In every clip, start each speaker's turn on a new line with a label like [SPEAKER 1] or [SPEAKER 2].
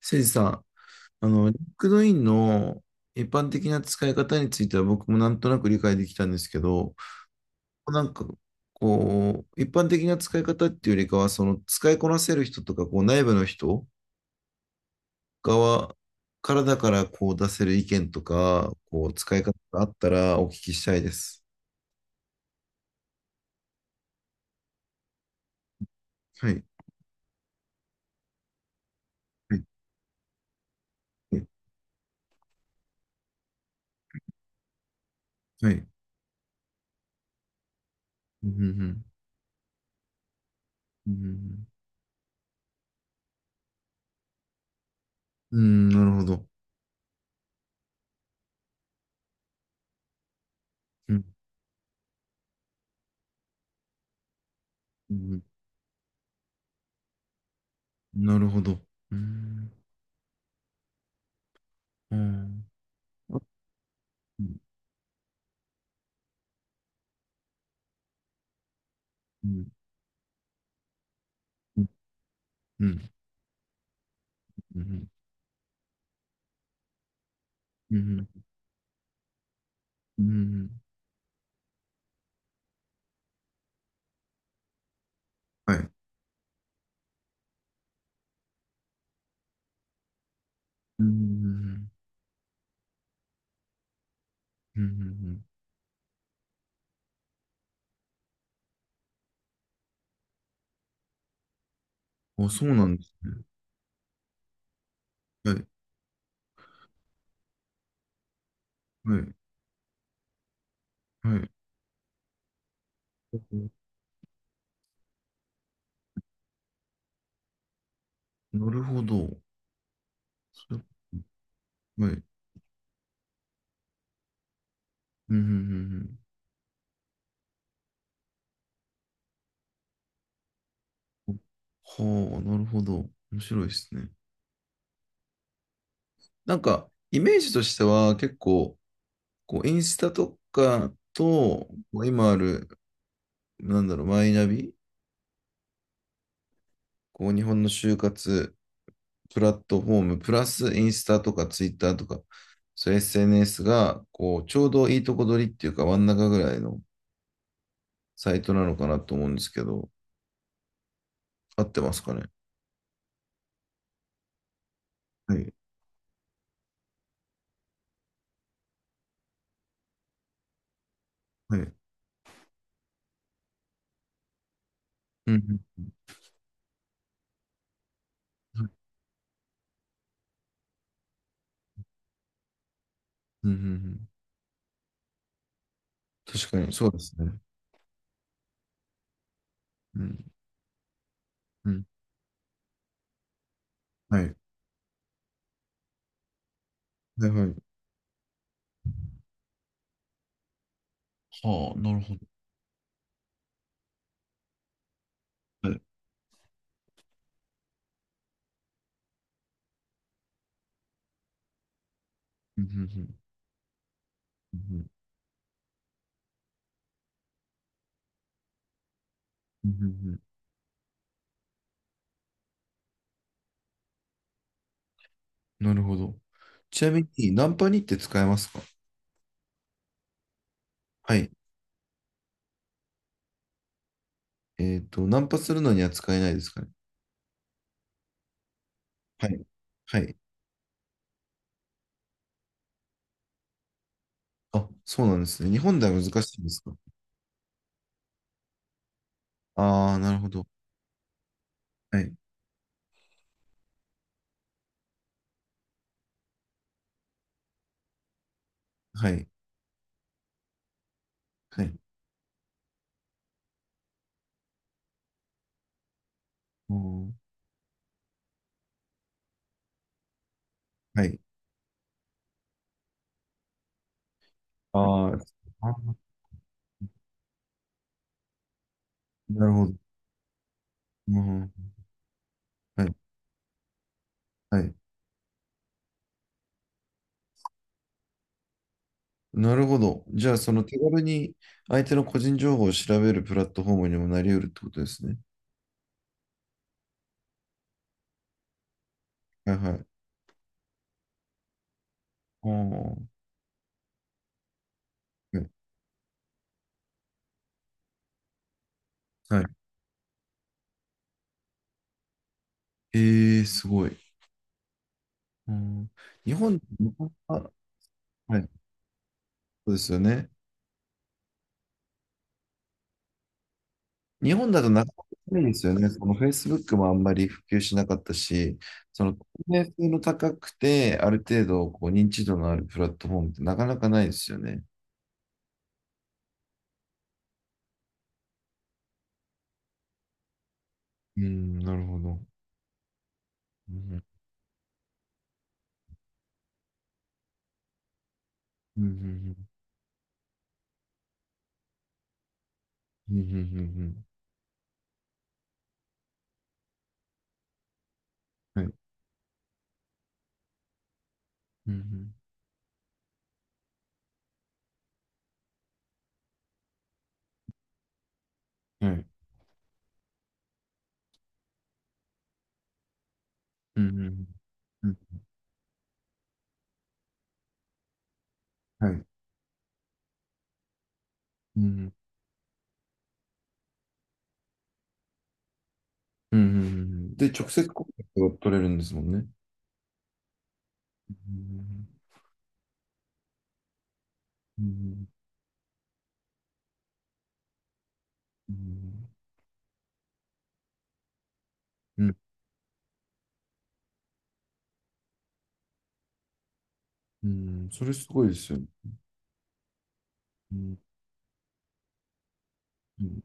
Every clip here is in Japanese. [SPEAKER 1] せいじさん、LinkedIn の一般的な使い方については僕もなんとなく理解できたんですけど、なんかこう、一般的な使い方っていうよりかは、その使いこなせる人とか、こう内部の人側からだからこう出せる意見とか、こう使い方があったらお聞きしたいです。はい。はい。はい。うん。うん。うん、うん、なるほど。うん。うん、なるほど。うん。うん。うん。うん。うん、うん、うん、うん、はい。うん、うん、うん、あ、そうなんですね。はい、はい、はい。なるほど。それ、はい。うん、うん、うん。はあ、なるほど。面白いですね。なんか、イメージとしては結構、こう、インスタとかと、こう今ある、マイナビ、こう、日本の就活プラットフォーム、プラスインスタとかツイッターとか、そういう SNS が、こう、ちょうどいいとこ取りっていうか、真ん中ぐらいのサイトなのかなと思うんですけど、合ってますかね。はい。はい。うん。うん。うん、うん、確かに、そうですね。うん。うん。はい。はい、はい。はあ、なるほど。はい。うん、うん、うん、うん、うん、うん、うん、なるほど。ちなみに、ナンパにって使えますか？はい。えっと、ナンパするのには使えないですかね。はい。はい。あ、そうなんですね。日本では難しいんですか？ああー、なるほど。はい。はい。はい。うん、はい。あー、あー、なるほど。うん、はい。はい。なるほど。じゃあ、その手軽に相手の個人情報を調べるプラットフォームにもなり得るってことですね。はい、はい。あー、はい。はい、えー、すごい。うん、日本、は、はい。そうですよね。日本だとなかなかないですよね。その Facebook もあんまり普及しなかったし、その透明性の高くて、ある程度こう認知度のあるプラットフォームってなかなかないですよね。うん、なるほど。うん、うん、うん、うん、うん、うん、うん、はい。うん、うん、はい。うん、うん、うん。はい。うん、うん、うん、うん、で、直接コンタクトが取れるんですもんね。うん、うん、うん、うん、うん、それすごいですよね。うん、うん、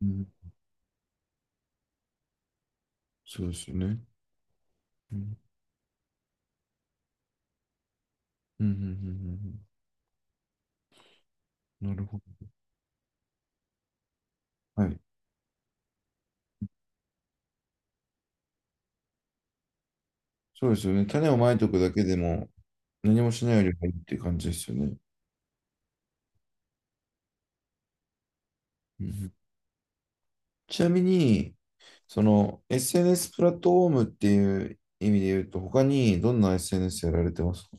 [SPEAKER 1] うん、そうですよね。うん、うん、うん、うん、うん、うん。なるほど。はい。そうですよね。種をまいておくだけでも何もしないよりもいいっていう感じですよね。うん、うん、ちなみに、その SNS プラットフォームっていう意味で言うと、他にどんな SNS やられてますか？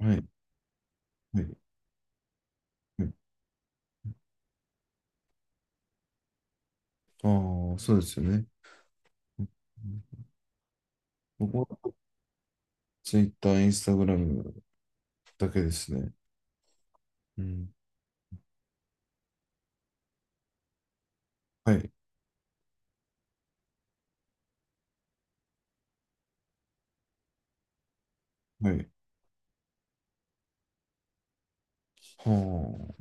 [SPEAKER 1] はい。はい。はい、ああ、そうですよね。うん、僕は Twitter、Instagram だけですね。うん。はい。はい。は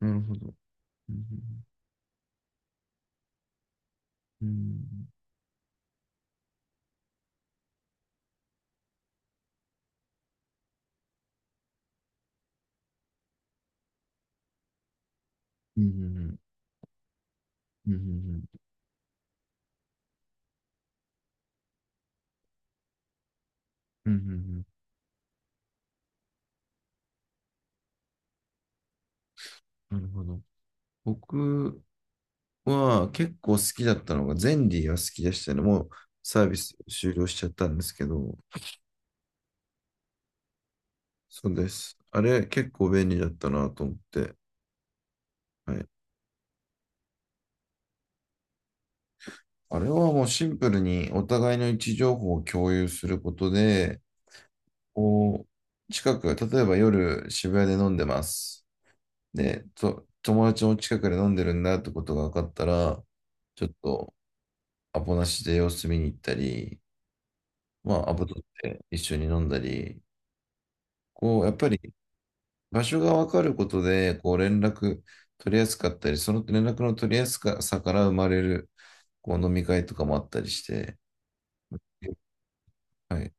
[SPEAKER 1] あ、なるほど。うん、うん、うん、うん、うん、うん、うん、うん、うん、うん、なるほど。僕は結構好きだったのが、ゼンリーは好きでしたね。もうサービス終了しちゃったんですけど、そうです。あれ結構便利だったなと思って、はい。あれはもうシンプルにお互いの位置情報を共有することで、こう、近く、例えば夜渋谷で飲んでます。で、と、友達も近くで飲んでるんだってことが分かったら、ちょっとアポなしで様子見に行ったり、まあ、アポ取って一緒に飲んだり、こう、やっぱり場所が分かることで、こう連絡取りやすかったり、その連絡の取りやすさから生まれる、こう飲み会とかもあったりして、はい。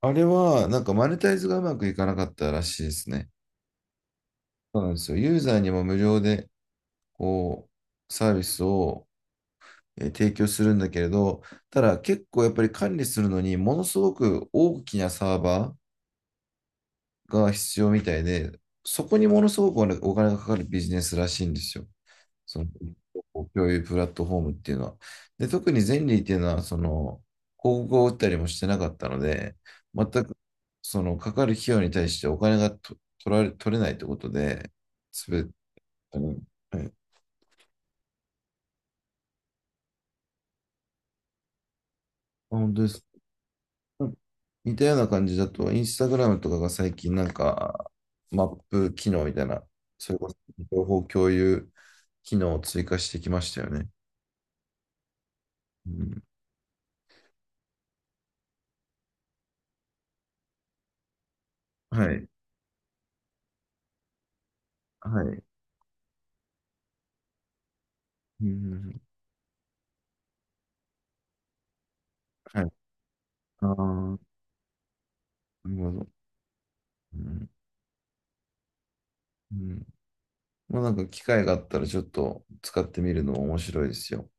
[SPEAKER 1] あれは、なんかマネタイズがうまくいかなかったらしいですね。そうなんですよ。ユーザーにも無料で、こう、サービスを提供するんだけれど、ただ結構やっぱり管理するのに、ものすごく大きなサーバーが必要みたいで、そこにものすごくお金がかかるビジネスらしいんですよ。その共有プラットフォームっていうのは。で、特にゼンリーっていうのは、その、広告を打ったりもしてなかったので、全く、その、かかる費用に対してお金がと、取れないってことで、すべてに、はい。あ、本当です。うん、似たような感じだと、インスタグラムとかが最近なんか、マップ機能みたいな、それこそ情報共有機能を追加してきましたよね。うん、はい。はい。うん、はい。ああ、なるほど。うん。うん、まあなんか機会があったらちょっと使ってみるのも面白いですよ。